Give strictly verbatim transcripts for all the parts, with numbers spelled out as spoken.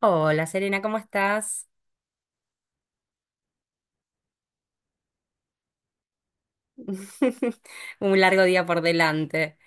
Hola Serena, ¿cómo estás? Un largo día por delante.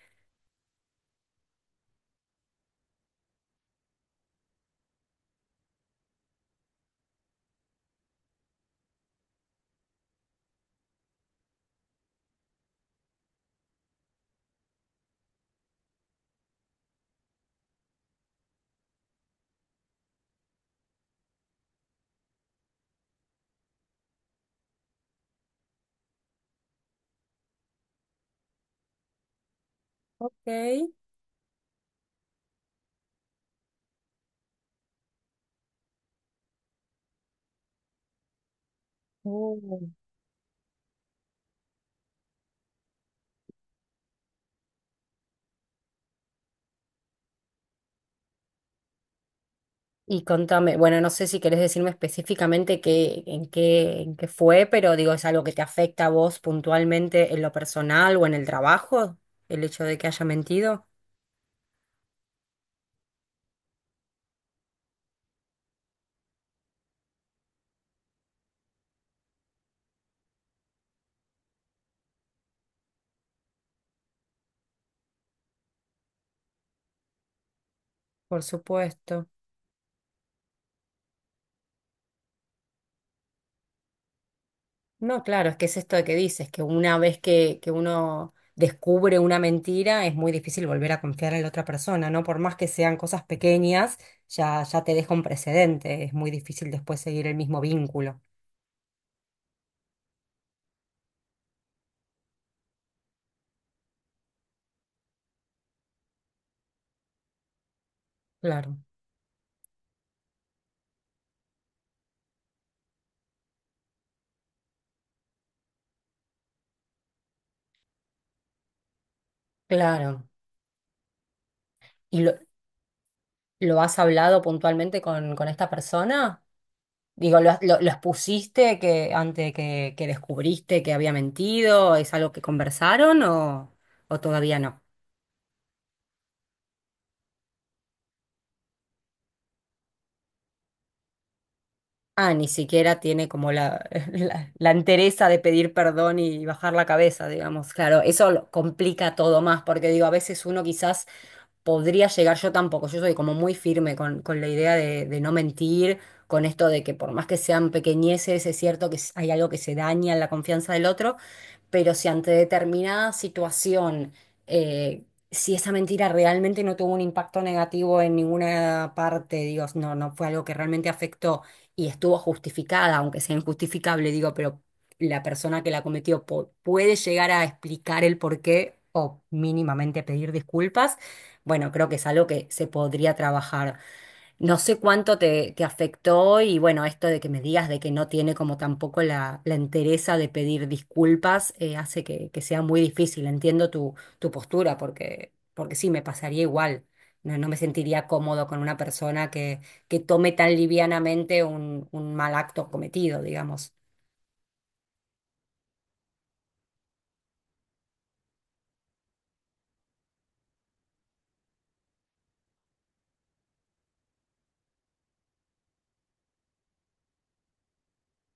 Ok. Mm. Y contame, bueno, no sé si querés decirme específicamente qué, en qué, en qué fue, pero digo, ¿es algo que te afecta a vos puntualmente en lo personal o en el trabajo? El hecho de que haya mentido. Por supuesto. No, claro, es que es esto que dices, que una vez que, que uno descubre una mentira, es muy difícil volver a confiar en la otra persona, ¿no? Por más que sean cosas pequeñas, ya, ya te deja un precedente, es muy difícil después seguir el mismo vínculo. Claro, claro. ¿Y lo, lo has hablado puntualmente con, con esta persona? Digo, ¿lo, lo, lo expusiste que, antes que, que descubriste que había mentido? ¿Es algo que conversaron o, o todavía no? Ah, ni siquiera tiene como la, la, la entereza de pedir perdón y bajar la cabeza, digamos. Claro, eso lo complica todo más, porque digo, a veces uno quizás podría llegar yo tampoco. Yo soy como muy firme con, con la idea de, de no mentir, con esto de que por más que sean pequeñeces, es cierto que s- hay algo que se daña en la confianza del otro, pero si ante determinada situación, eh, si esa mentira realmente no tuvo un impacto negativo en ninguna parte, digo, no, no fue algo que realmente afectó y estuvo justificada, aunque sea injustificable, digo, pero la persona que la cometió po- puede llegar a explicar el porqué o mínimamente pedir disculpas, bueno, creo que es algo que se podría trabajar. No sé cuánto te, te afectó y bueno, esto de que me digas de que no tiene como tampoco la, la entereza de pedir disculpas, eh, hace que, que sea muy difícil. Entiendo tu, tu postura porque, porque sí, me pasaría igual. No, no me sentiría cómodo con una persona que, que tome tan livianamente un, un mal acto cometido, digamos.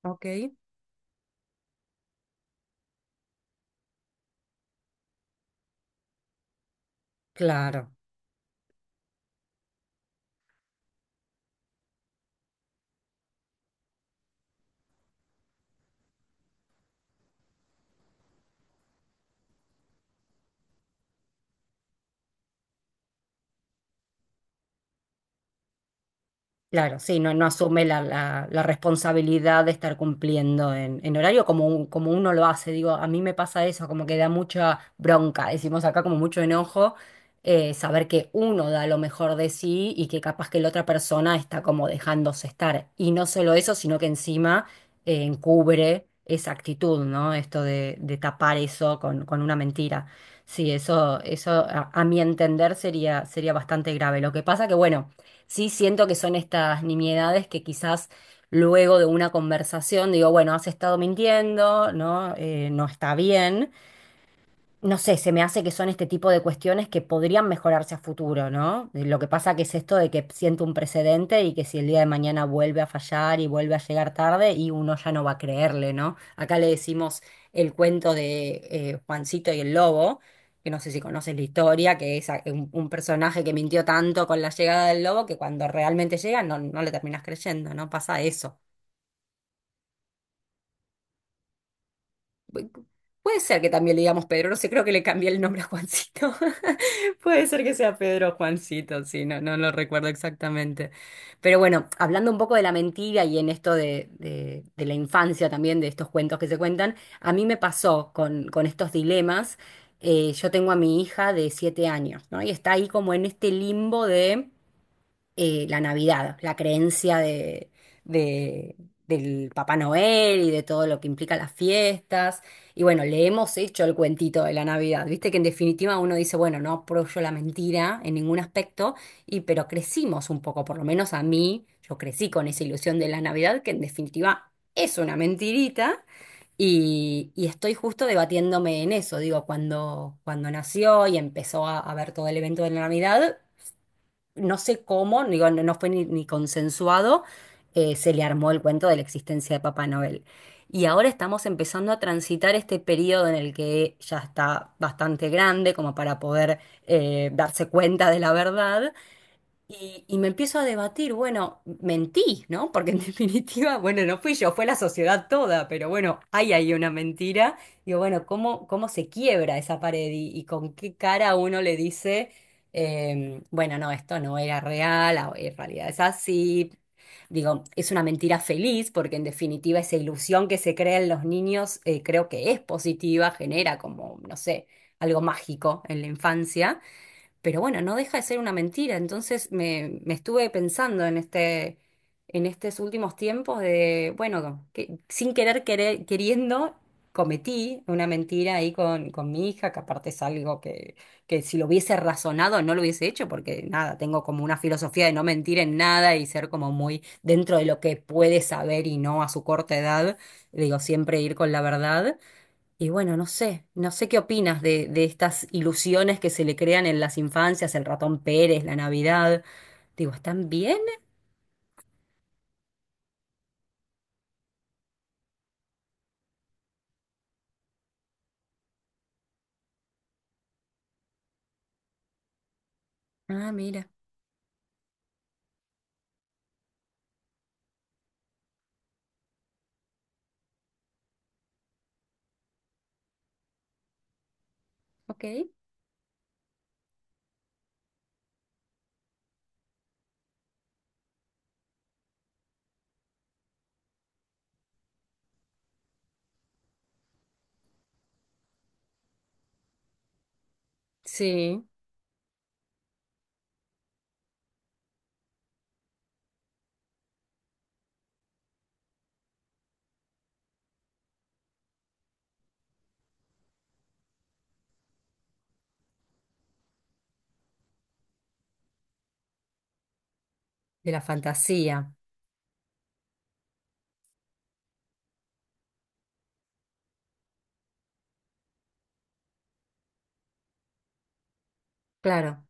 Ok. Claro. Claro, sí, no, no asume la, la- la responsabilidad de estar cumpliendo en, en horario como, un- como uno lo hace. Digo, a mí me pasa eso, como que da mucha bronca, decimos acá como mucho enojo, eh, saber que uno da lo mejor de sí y que capaz que la otra persona está como dejándose estar. Y no solo eso, sino que encima eh, encubre esa actitud, ¿no? Esto de, de tapar eso con, con una mentira. Sí, eso, eso a, a mi entender sería, sería bastante grave. Lo que pasa que, bueno. Sí, siento que son estas nimiedades que quizás luego de una conversación digo, bueno, has estado mintiendo, ¿no? Eh, no está bien, no sé, se me hace que son este tipo de cuestiones que podrían mejorarse a futuro, ¿no? Lo que pasa que es esto de que siento un precedente y que si el día de mañana vuelve a fallar y vuelve a llegar tarde y uno ya no va a creerle, ¿no? Acá le decimos el cuento de eh, Juancito y el lobo, que no sé si conoces la historia, que es a- un, un personaje que mintió tanto con la llegada del lobo que cuando realmente llega no, no le terminas creyendo, ¿no? Pasa eso. Puede ser que también le digamos Pedro, no sé, creo que le cambié el nombre a Juancito. Puede ser que sea Pedro o Juancito, sí, no, no lo recuerdo exactamente. Pero bueno, hablando un poco de la mentira y en esto de, de- de la infancia también, de estos cuentos que se cuentan, a mí me pasó con, con estos dilemas. Eh, yo tengo a mi hija de siete años, ¿no? Y está ahí como en este limbo de eh, la Navidad, la creencia de, de- del Papá Noel y de todo lo que implica las fiestas. Y bueno, le hemos hecho el cuentito de la Navidad. Viste que en definitiva uno dice, bueno, no apoyo la mentira en ningún aspecto, y, pero crecimos un poco, por lo menos a mí, yo crecí con esa ilusión de la Navidad, que en definitiva es una mentirita. Y, y estoy justo debatiéndome en eso, digo, cuando, cuando nació y empezó a, a ver todo el evento de la Navidad, no sé cómo, digo, no, no fue ni, ni consensuado, eh, se le armó el cuento de la existencia de Papá Noel. Y ahora estamos empezando a transitar este periodo en el que ya está bastante grande como para poder eh, darse cuenta de la verdad y, y me empiezo a debatir, bueno, mentí, ¿no? Porque en definitiva, bueno, no fui yo, fue la sociedad toda, pero bueno, hay ahí una mentira. Digo, bueno, ¿cómo, cómo se quiebra esa pared y, y con qué cara uno le dice, eh, bueno, no, esto no era real, ah, en realidad es así. Digo, es una mentira feliz porque en definitiva esa ilusión que se crea en los niños, eh, creo que es positiva, genera como, no sé, algo mágico en la infancia. Pero bueno, no deja de ser una mentira. Entonces me, me estuve pensando en este, en estos últimos tiempos de, bueno, que, sin querer, querer- queriendo, cometí una mentira ahí con, con mi hija, que aparte es algo que, que si lo hubiese razonado no lo hubiese hecho, porque nada, tengo como una filosofía de no mentir en nada y ser como muy dentro de lo que puede saber y no a su corta edad. Digo, siempre ir con la verdad. Y bueno, no sé, no sé qué opinas de, de estas ilusiones que se le crean en las infancias, el ratón Pérez, la Navidad. Digo, ¿están bien? Ah, mira, ok. Sí, de la fantasía, claro.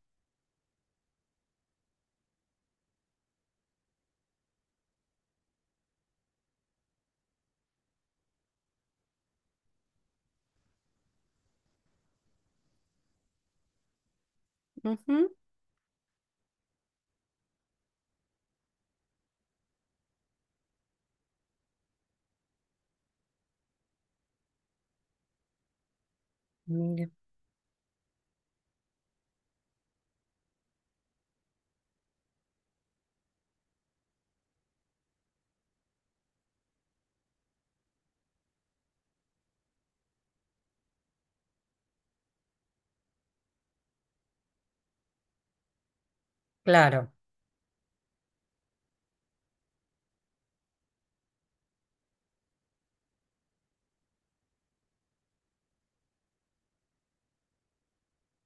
Ujú, mira, claro.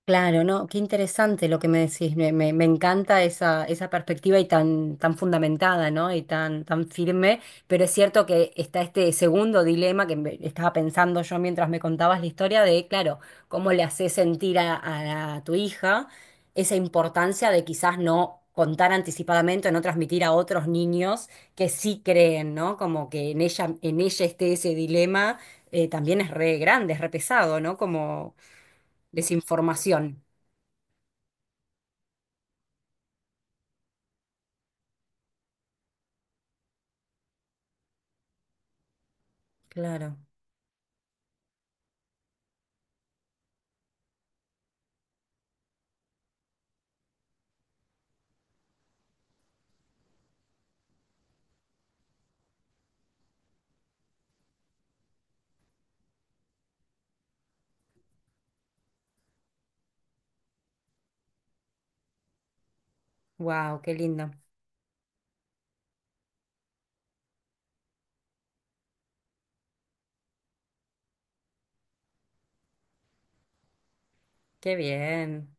Claro, no, qué interesante lo que me decís. Me, me- me encanta esa, esa perspectiva y tan, tan fundamentada, ¿no? Y tan, tan firme. Pero es cierto que está este segundo dilema que me- estaba pensando yo mientras me contabas la historia de, claro, cómo le haces sentir a, a- a tu hija esa importancia de quizás no contar anticipadamente o no transmitir a otros niños que sí creen, ¿no? Como que en ella, en ella esté ese dilema, eh, también es re grande, es re pesado, ¿no? Como desinformación. Claro. Wow, qué lindo. Qué bien.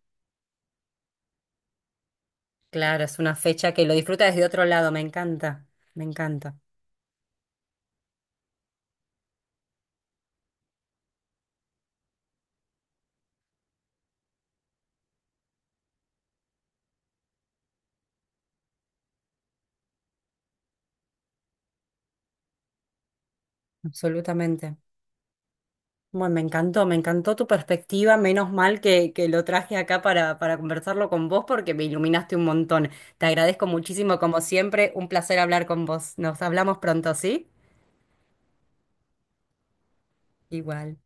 Claro, es una fecha que lo disfruta desde otro lado. Me encanta. Me encanta. Absolutamente. Bueno, me encantó, me encantó tu perspectiva. Menos mal que, que lo traje acá para, para conversarlo con vos porque me iluminaste un montón. Te agradezco muchísimo, como siempre. Un placer hablar con vos. Nos hablamos pronto, ¿sí? Igual.